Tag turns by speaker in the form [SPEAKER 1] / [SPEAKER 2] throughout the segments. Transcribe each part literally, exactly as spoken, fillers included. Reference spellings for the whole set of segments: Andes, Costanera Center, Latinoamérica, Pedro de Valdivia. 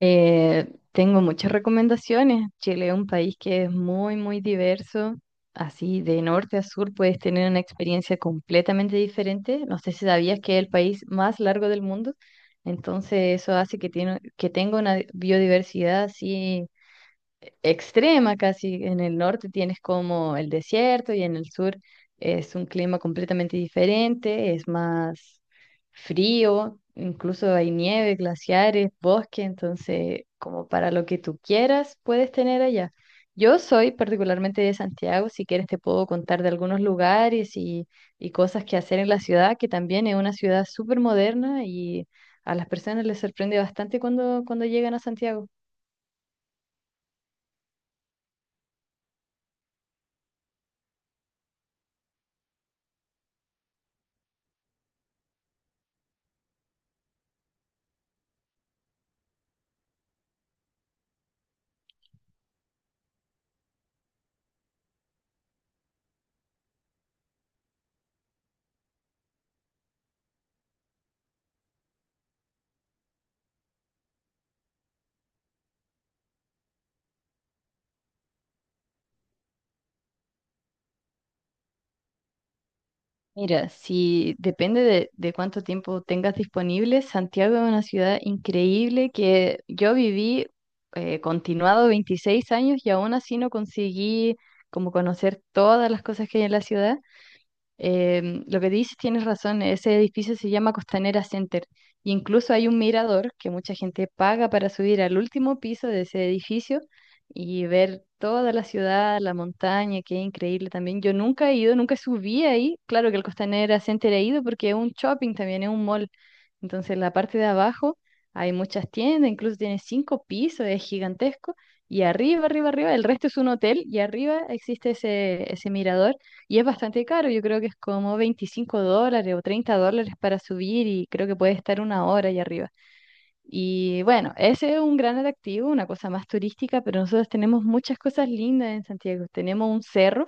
[SPEAKER 1] Eh, tengo muchas recomendaciones. Chile es un país que es muy, muy diverso. Así, de norte a sur puedes tener una experiencia completamente diferente. No sé si sabías que es el país más largo del mundo. Entonces, eso hace que, tiene, que tenga una biodiversidad así extrema casi. En el norte tienes como el desierto y en el sur es un clima completamente diferente, es más frío, incluso hay nieve, glaciares, bosque, entonces como para lo que tú quieras puedes tener allá. Yo soy particularmente de Santiago, si quieres te puedo contar de algunos lugares y, y cosas que hacer en la ciudad, que también es una ciudad súper moderna y a las personas les sorprende bastante cuando, cuando llegan a Santiago. Mira, si depende de, de cuánto tiempo tengas disponible, Santiago es una ciudad increíble que yo viví eh, continuado veintiséis años y aún así no conseguí como conocer todas las cosas que hay en la ciudad. Em, lo que dices, tienes razón, ese edificio se llama Costanera Center y incluso hay un mirador que mucha gente paga para subir al último piso de ese edificio y ver toda la ciudad, la montaña, que es increíble también. Yo nunca he ido, nunca subí ahí. Claro que el Costanera Center he ido porque es un shopping también, es un mall. Entonces, la parte de abajo hay muchas tiendas, incluso tiene cinco pisos, es gigantesco. Y arriba, arriba, arriba, el resto es un hotel y arriba existe ese, ese mirador y es bastante caro, yo creo que es como veinticinco dólares o treinta dólares para subir y creo que puede estar una hora allá arriba. Y bueno, ese es un gran atractivo, una cosa más turística, pero nosotros tenemos muchas cosas lindas en Santiago. Tenemos un cerro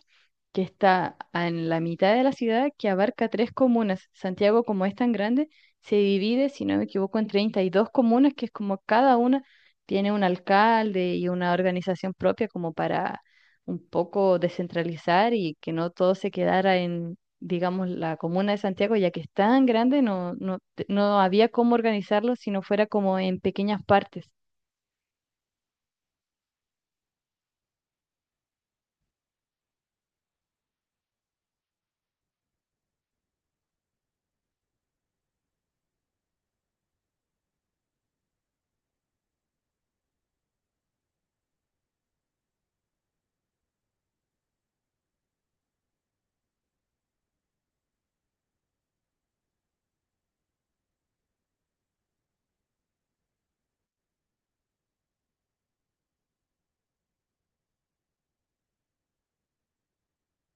[SPEAKER 1] que está en la mitad de la ciudad que abarca tres comunas. Santiago, como es tan grande, se divide, si no me equivoco, en treinta y dos comunas, que es como cada una tiene un alcalde y una organización propia como para un poco descentralizar y que no todo se quedara digamos, la comuna de Santiago, ya que es tan grande, no, no, te- no había cómo organizarlo si no fuera como en pequeñas partes.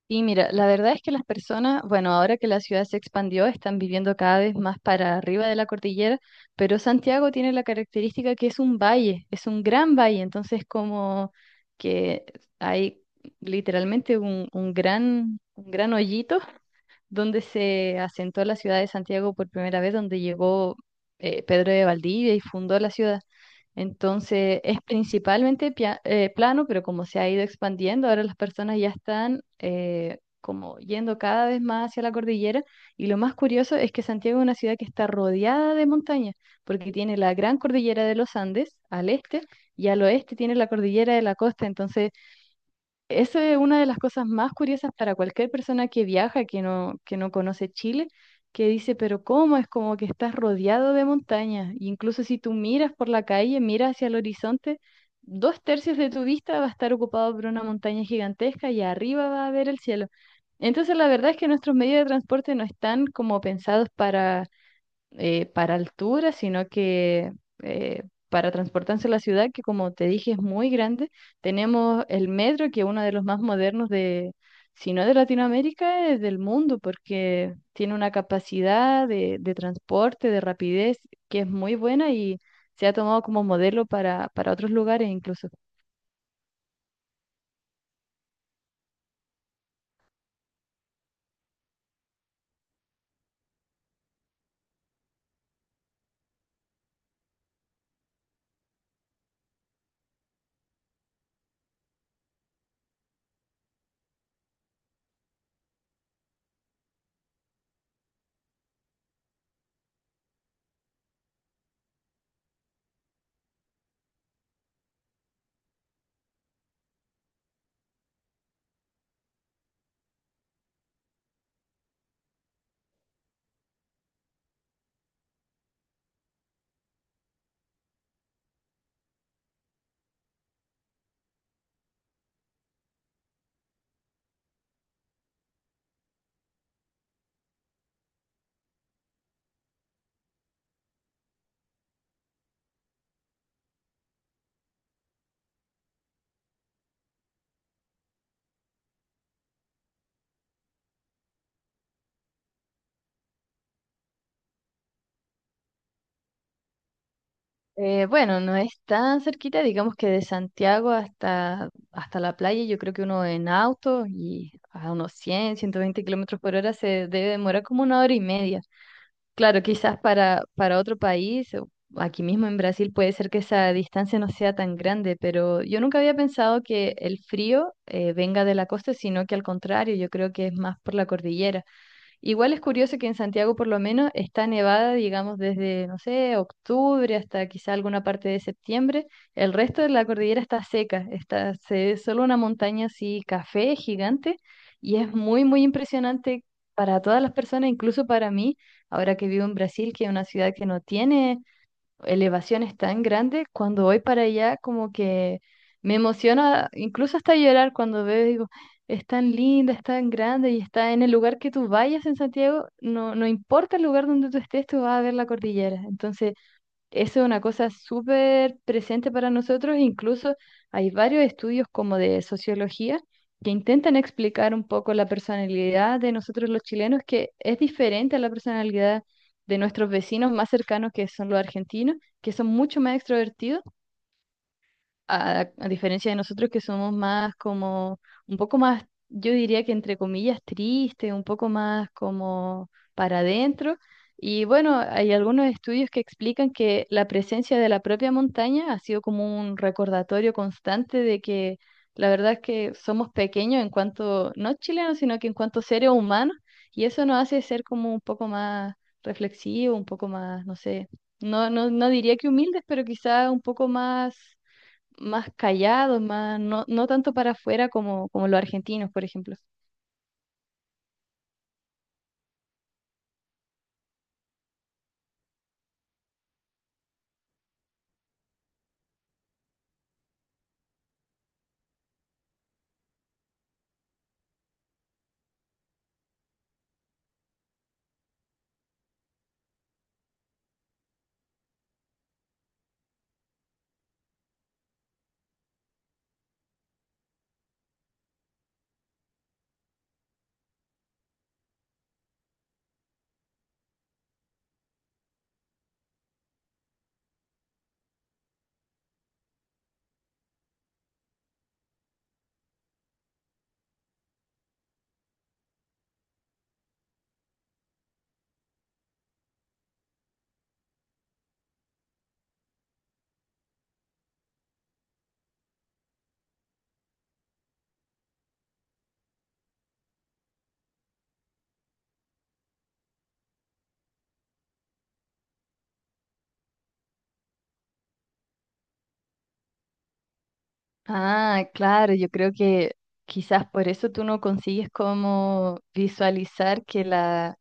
[SPEAKER 1] Y mira, la verdad es que las personas, bueno, ahora que la ciudad se expandió, están viviendo cada vez más para arriba de la cordillera, pero Santiago tiene la característica que es un valle, es un gran valle, entonces como que hay literalmente un, un gran, un gran hoyito donde se asentó la ciudad de Santiago por primera vez, donde llegó eh, Pedro de Valdivia y fundó la ciudad. Entonces es principalmente pia- eh, plano, pero como se ha ido expandiendo, ahora las personas ya están eh, como yendo cada vez más hacia la cordillera. Y lo más curioso es que Santiago es una ciudad que está rodeada de montañas, porque tiene la gran cordillera de los Andes al este y al oeste tiene la cordillera de la costa. Entonces eso es una de las cosas más curiosas para cualquier persona que viaja, que no, que no conoce Chile, que dice, pero ¿cómo? Es como que estás rodeado de montañas. E incluso si tú miras por la calle, miras hacia el horizonte, dos tercios de tu vista va a estar ocupado por una montaña gigantesca y arriba va a ver el cielo. Entonces, la verdad es que nuestros medios de transporte no están como pensados para eh, para altura, sino que eh, para transportarse a la ciudad, que como te dije es muy grande. Tenemos el metro, que es uno de los más modernos de, si no de Latinoamérica, es del mundo, porque tiene una capacidad de, de transporte, de rapidez, que es muy buena y se ha tomado como modelo para, para otros lugares incluso. Eh, bueno, no es tan cerquita, digamos que de Santiago hasta, hasta la playa, yo creo que uno en auto y a unos cien, ciento veinte kilómetros por hora se debe demorar como una hora y media. Claro, quizás para, para otro país, o aquí mismo en Brasil puede ser que esa distancia no sea tan grande, pero yo nunca había pensado que el frío eh, venga de la costa, sino que al contrario, yo creo que es más por la cordillera. Igual es curioso que en Santiago por lo menos está nevada, digamos, desde, no sé, octubre hasta quizá alguna parte de septiembre. El resto de la cordillera está seca, está, se ve solo una montaña así, café gigante, y es muy, muy impresionante para todas las personas, incluso para mí, ahora que vivo en Brasil, que es una ciudad que no tiene elevaciones tan grandes, cuando voy para allá como que me emociona, incluso hasta llorar cuando veo, digo, es tan linda, es tan grande y está en el lugar que tú vayas en Santiago, no, no importa el lugar donde tú estés, tú vas a ver la cordillera. Entonces, eso es una cosa súper presente para nosotros, incluso hay varios estudios como de sociología que intentan explicar un poco la personalidad de nosotros los chilenos, que es diferente a la personalidad de nuestros vecinos más cercanos, que son los argentinos, que son mucho más extrovertidos a, a diferencia de nosotros que somos más como, un poco más, yo diría que entre comillas triste, un poco más como para adentro. Y bueno, hay algunos estudios que explican que la presencia de la propia montaña ha sido como un recordatorio constante de que la verdad es que somos pequeños en cuanto, no chilenos, sino que en cuanto seres humanos, y eso nos hace ser como un poco más reflexivos, un poco más, no sé, no, no, no diría que humildes, pero quizá un poco más más callados, más, no, no tanto para afuera como, como los argentinos, por ejemplo. Ah, claro, yo creo que quizás por eso tú no consigues como visualizar que la,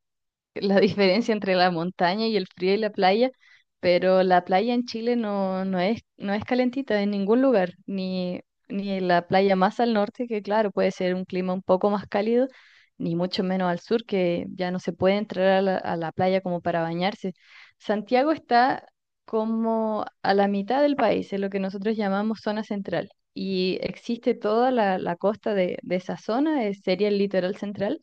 [SPEAKER 1] la diferencia entre la montaña y el frío y la playa, pero la playa en Chile no, no es, no es calentita en ningún lugar, ni, ni en la playa más al norte, que claro, puede ser un clima un poco más cálido, ni mucho menos al sur, que ya no se puede entrar a la, a la playa como para bañarse. Santiago está como a la mitad del país, en lo que nosotros llamamos zona central. Y existe toda la, la costa de, de esa zona, eh, sería el litoral central,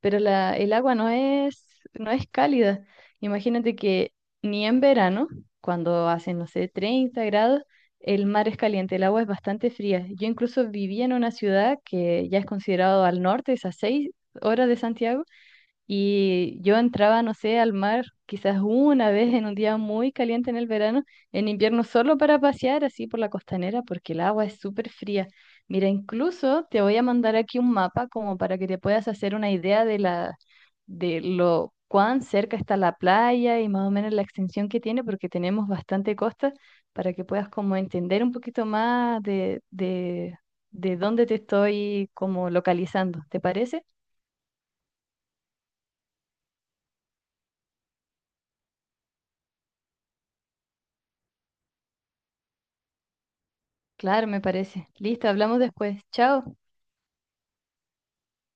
[SPEAKER 1] pero la, el agua no es, no es cálida. Imagínate que ni en verano, cuando hacen, no sé, treinta grados, el mar es caliente, el agua es bastante fría. Yo incluso vivía en una ciudad que ya es considerado al norte, es a seis horas de Santiago, y yo entraba, no sé, al mar quizás una vez en un día muy caliente en el verano, en invierno solo para pasear así por la costanera, porque el agua es súper fría. Mira, incluso te voy a mandar aquí un mapa como para que te puedas hacer una idea de la, de lo cuán cerca está la playa y más o menos la extensión que tiene, porque tenemos bastante costa, para que puedas como entender un poquito más de, de, de dónde te estoy como localizando. ¿Te parece? Claro, me parece. Listo, hablamos después. Chao.